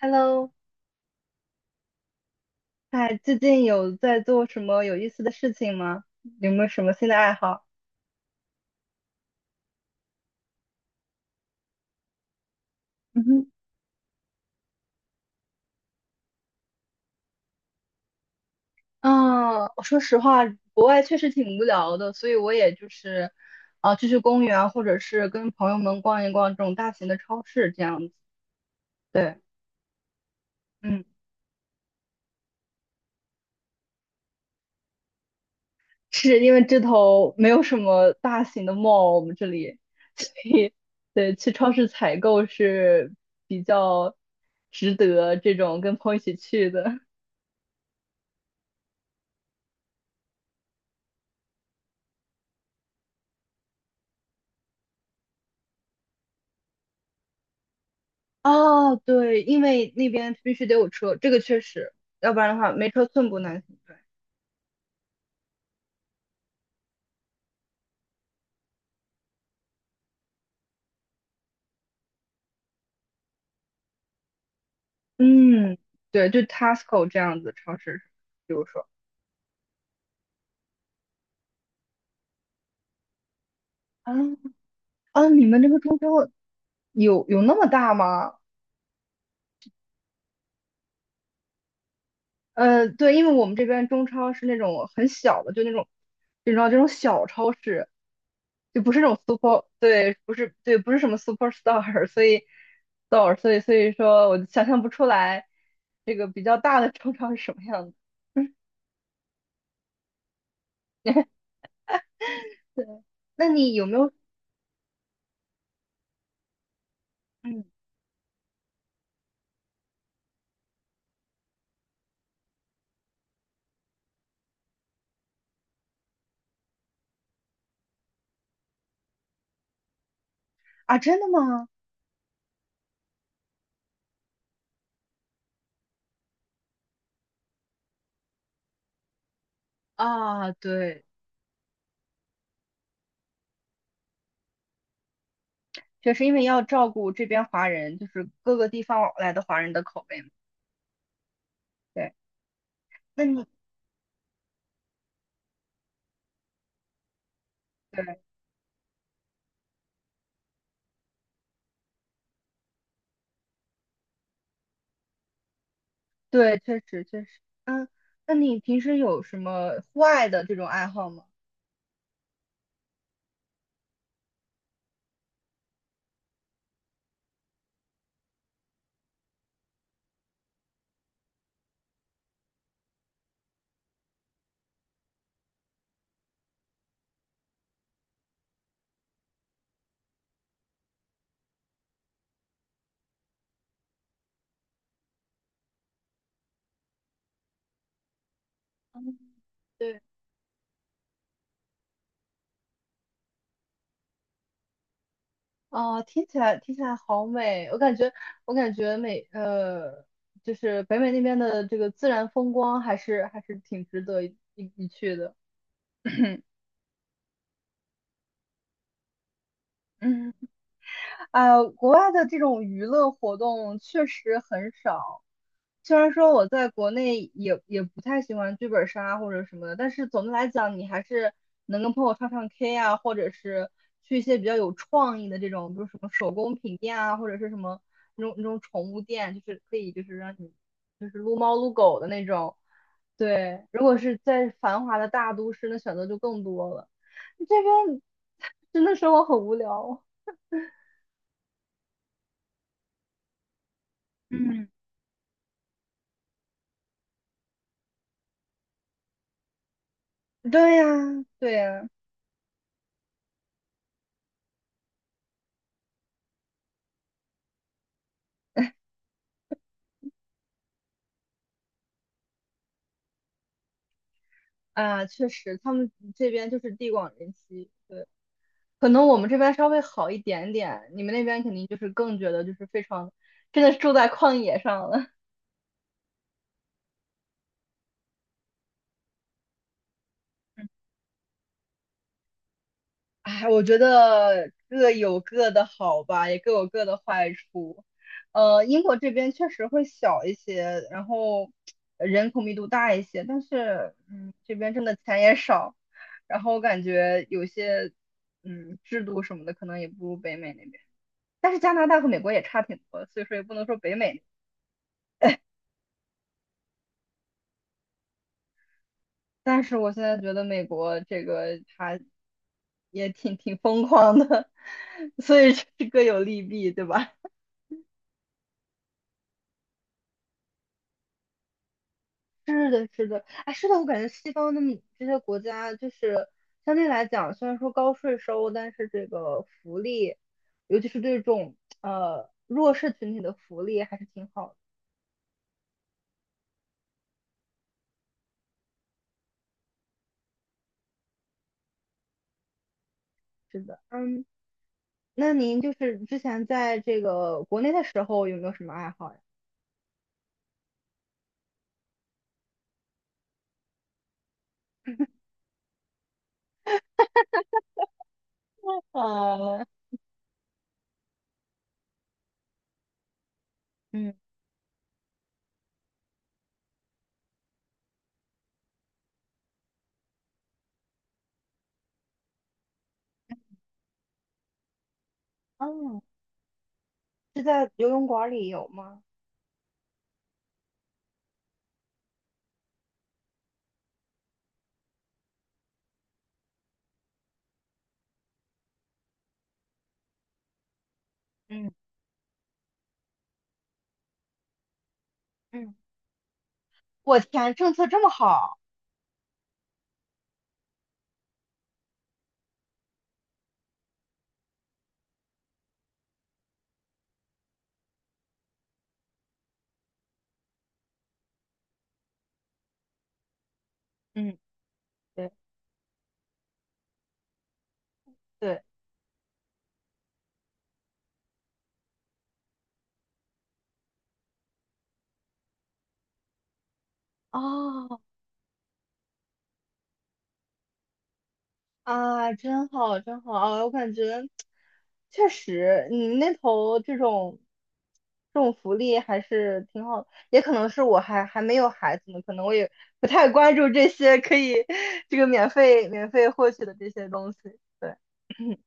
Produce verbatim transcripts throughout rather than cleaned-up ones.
Hello，哎，最近有在做什么有意思的事情吗？有没有什么新的爱好？嗯哼。啊，我说实话，国外确实挺无聊的，所以我也就是，啊、去去公园啊，或者是跟朋友们逛一逛这种大型的超市这样子。对。嗯，是因为这头没有什么大型的 mall，我们这里，所以对，去超市采购是比较值得这种跟朋友一起去的。哦，对，因为那边必须得有车，这个确实，要不然的话没车寸步难行。对。嗯，对，就 Tesco 这样子超市，比如说，啊啊，你们这个中超有有那么大吗？呃，对，因为我们这边中超是那种很小的，就那种，你知道这种小超市，就不是那种 super，对，不是，对，不是什么 superstar，所以 store，所以所以说我想象不出来这个比较大的中超是什么样子。对，那你有没有？嗯，啊，真的吗？啊，对，确实，因为要照顾这边华人，就是各个地方来的华人的口味嘛。对，那你对对，确实确实。嗯，那你平时有什么户外的这种爱好吗？嗯，对。啊，听起来听起来好美，我感觉我感觉美，呃，就是北美那边的这个自然风光还是还是挺值得一一一去的。嗯，哎呀，国外的这种娱乐活动确实很少。虽然说我在国内也也不太喜欢剧本杀或者什么的，但是总的来讲，你还是能跟朋友唱唱 K 啊，或者是去一些比较有创意的这种，比如什么手工品店啊，或者是什么那种那种宠物店，就是可以就是让你就是撸猫撸狗的那种。对，如果是在繁华的大都市，那选择就更多了。这边 真的生活很无聊。嗯，对呀，对呀。啊，确实，他们这边就是地广人稀。对，可能我们这边稍微好一点点，你们那边肯定就是更觉得就是非常，真的是住在旷野上了。哎，我觉得各有各的好吧，也各有各的坏处。呃，英国这边确实会小一些，然后呃人口密度大一些，但是嗯，这边真的钱也少，然后我感觉有些嗯制度什么的可能也不如北美那边。但是加拿大和美国也差挺多，所以说也不能说北美。但是我现在觉得美国这个它也挺挺疯狂的，所以是各有利弊，对吧？是的，是的，哎，是的，我感觉西方的这些国家，就是相对来讲，虽然说高税收，但是这个福利，尤其是对这种呃弱势群体的福利，还是挺好的。是的。嗯，那您就是之前在这个国内的时候，有没有什么爱好呀？哦，嗯。嗯，是在游泳馆里有吗？嗯嗯，我天，政策这么好！嗯，对，对，哦，啊，真好，真好！啊，我感觉确实，你们那头这种这种福利还是挺好的，也可能是我还还没有孩子呢，可能我也不太关注这些可以 这个免费免费获取的这些东西。对。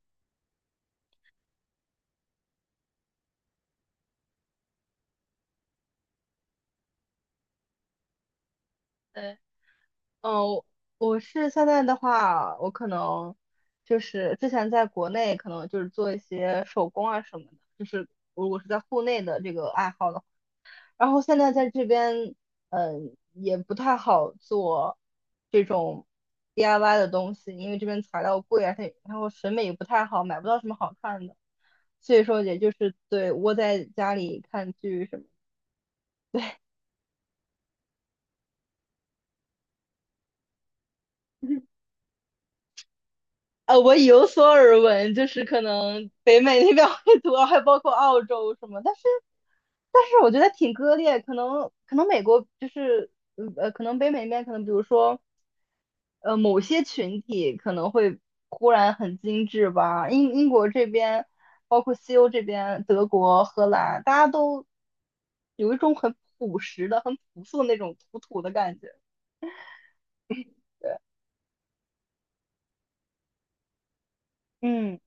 对。嗯，我是现在的话，我可能就是之前在国内可能就是做一些手工啊什么的，就是如果是在户内的这个爱好的话，然后现在在这边，嗯，也不太好做这种 D I Y 的东西，因为这边材料贵啊，它然后审美也不太好，买不到什么好看的，所以说也就是对窝在家里看剧什么。呃，我有所耳闻，就是可能北美那边会多，还包括澳洲什么，但是但是我觉得挺割裂，可能可能美国就是嗯呃，可能北美那边可能比如说呃某些群体可能会忽然很精致吧，英英国这边，包括西欧这边，德国、荷兰，大家都有一种很朴实的、很朴素的那种土土的感觉。嗯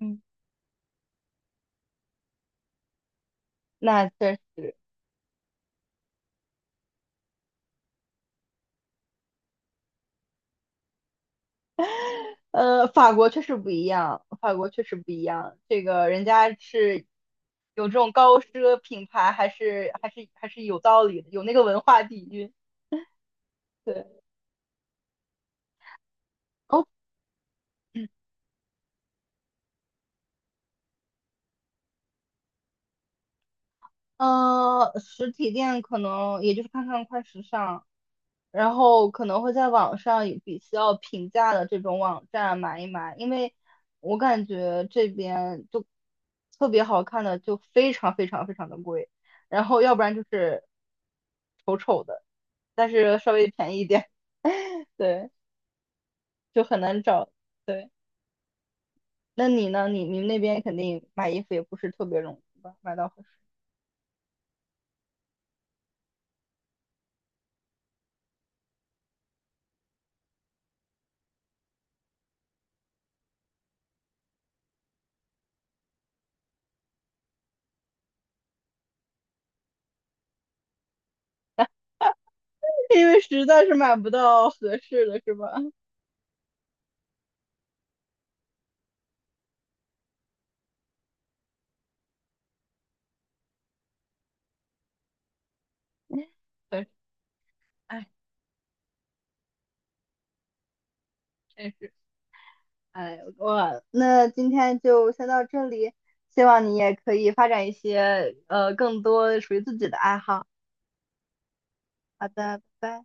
嗯，那确实。呃，法国确实不一样，法国确实不一样。这个人家是有这种高奢品牌，还是还是还是有道理的，有那个文化底蕴。对。哦，呃，实体店可能也就是看看快时尚，然后可能会在网上有比较平价的这种网站买一买，因为我感觉这边就特别好看的就非常非常非常的贵，然后要不然就是。丑丑的。但是稍微便宜一点，对，就很难找。对，那你呢？你你们那边肯定买衣服也不是特别容易吧？买到合适，因为实在是买不到合适的，是吧？对，哎，真是，哎，我那今天就先到这里，希望你也可以发展一些呃更多属于自己的爱好。好的，拜拜。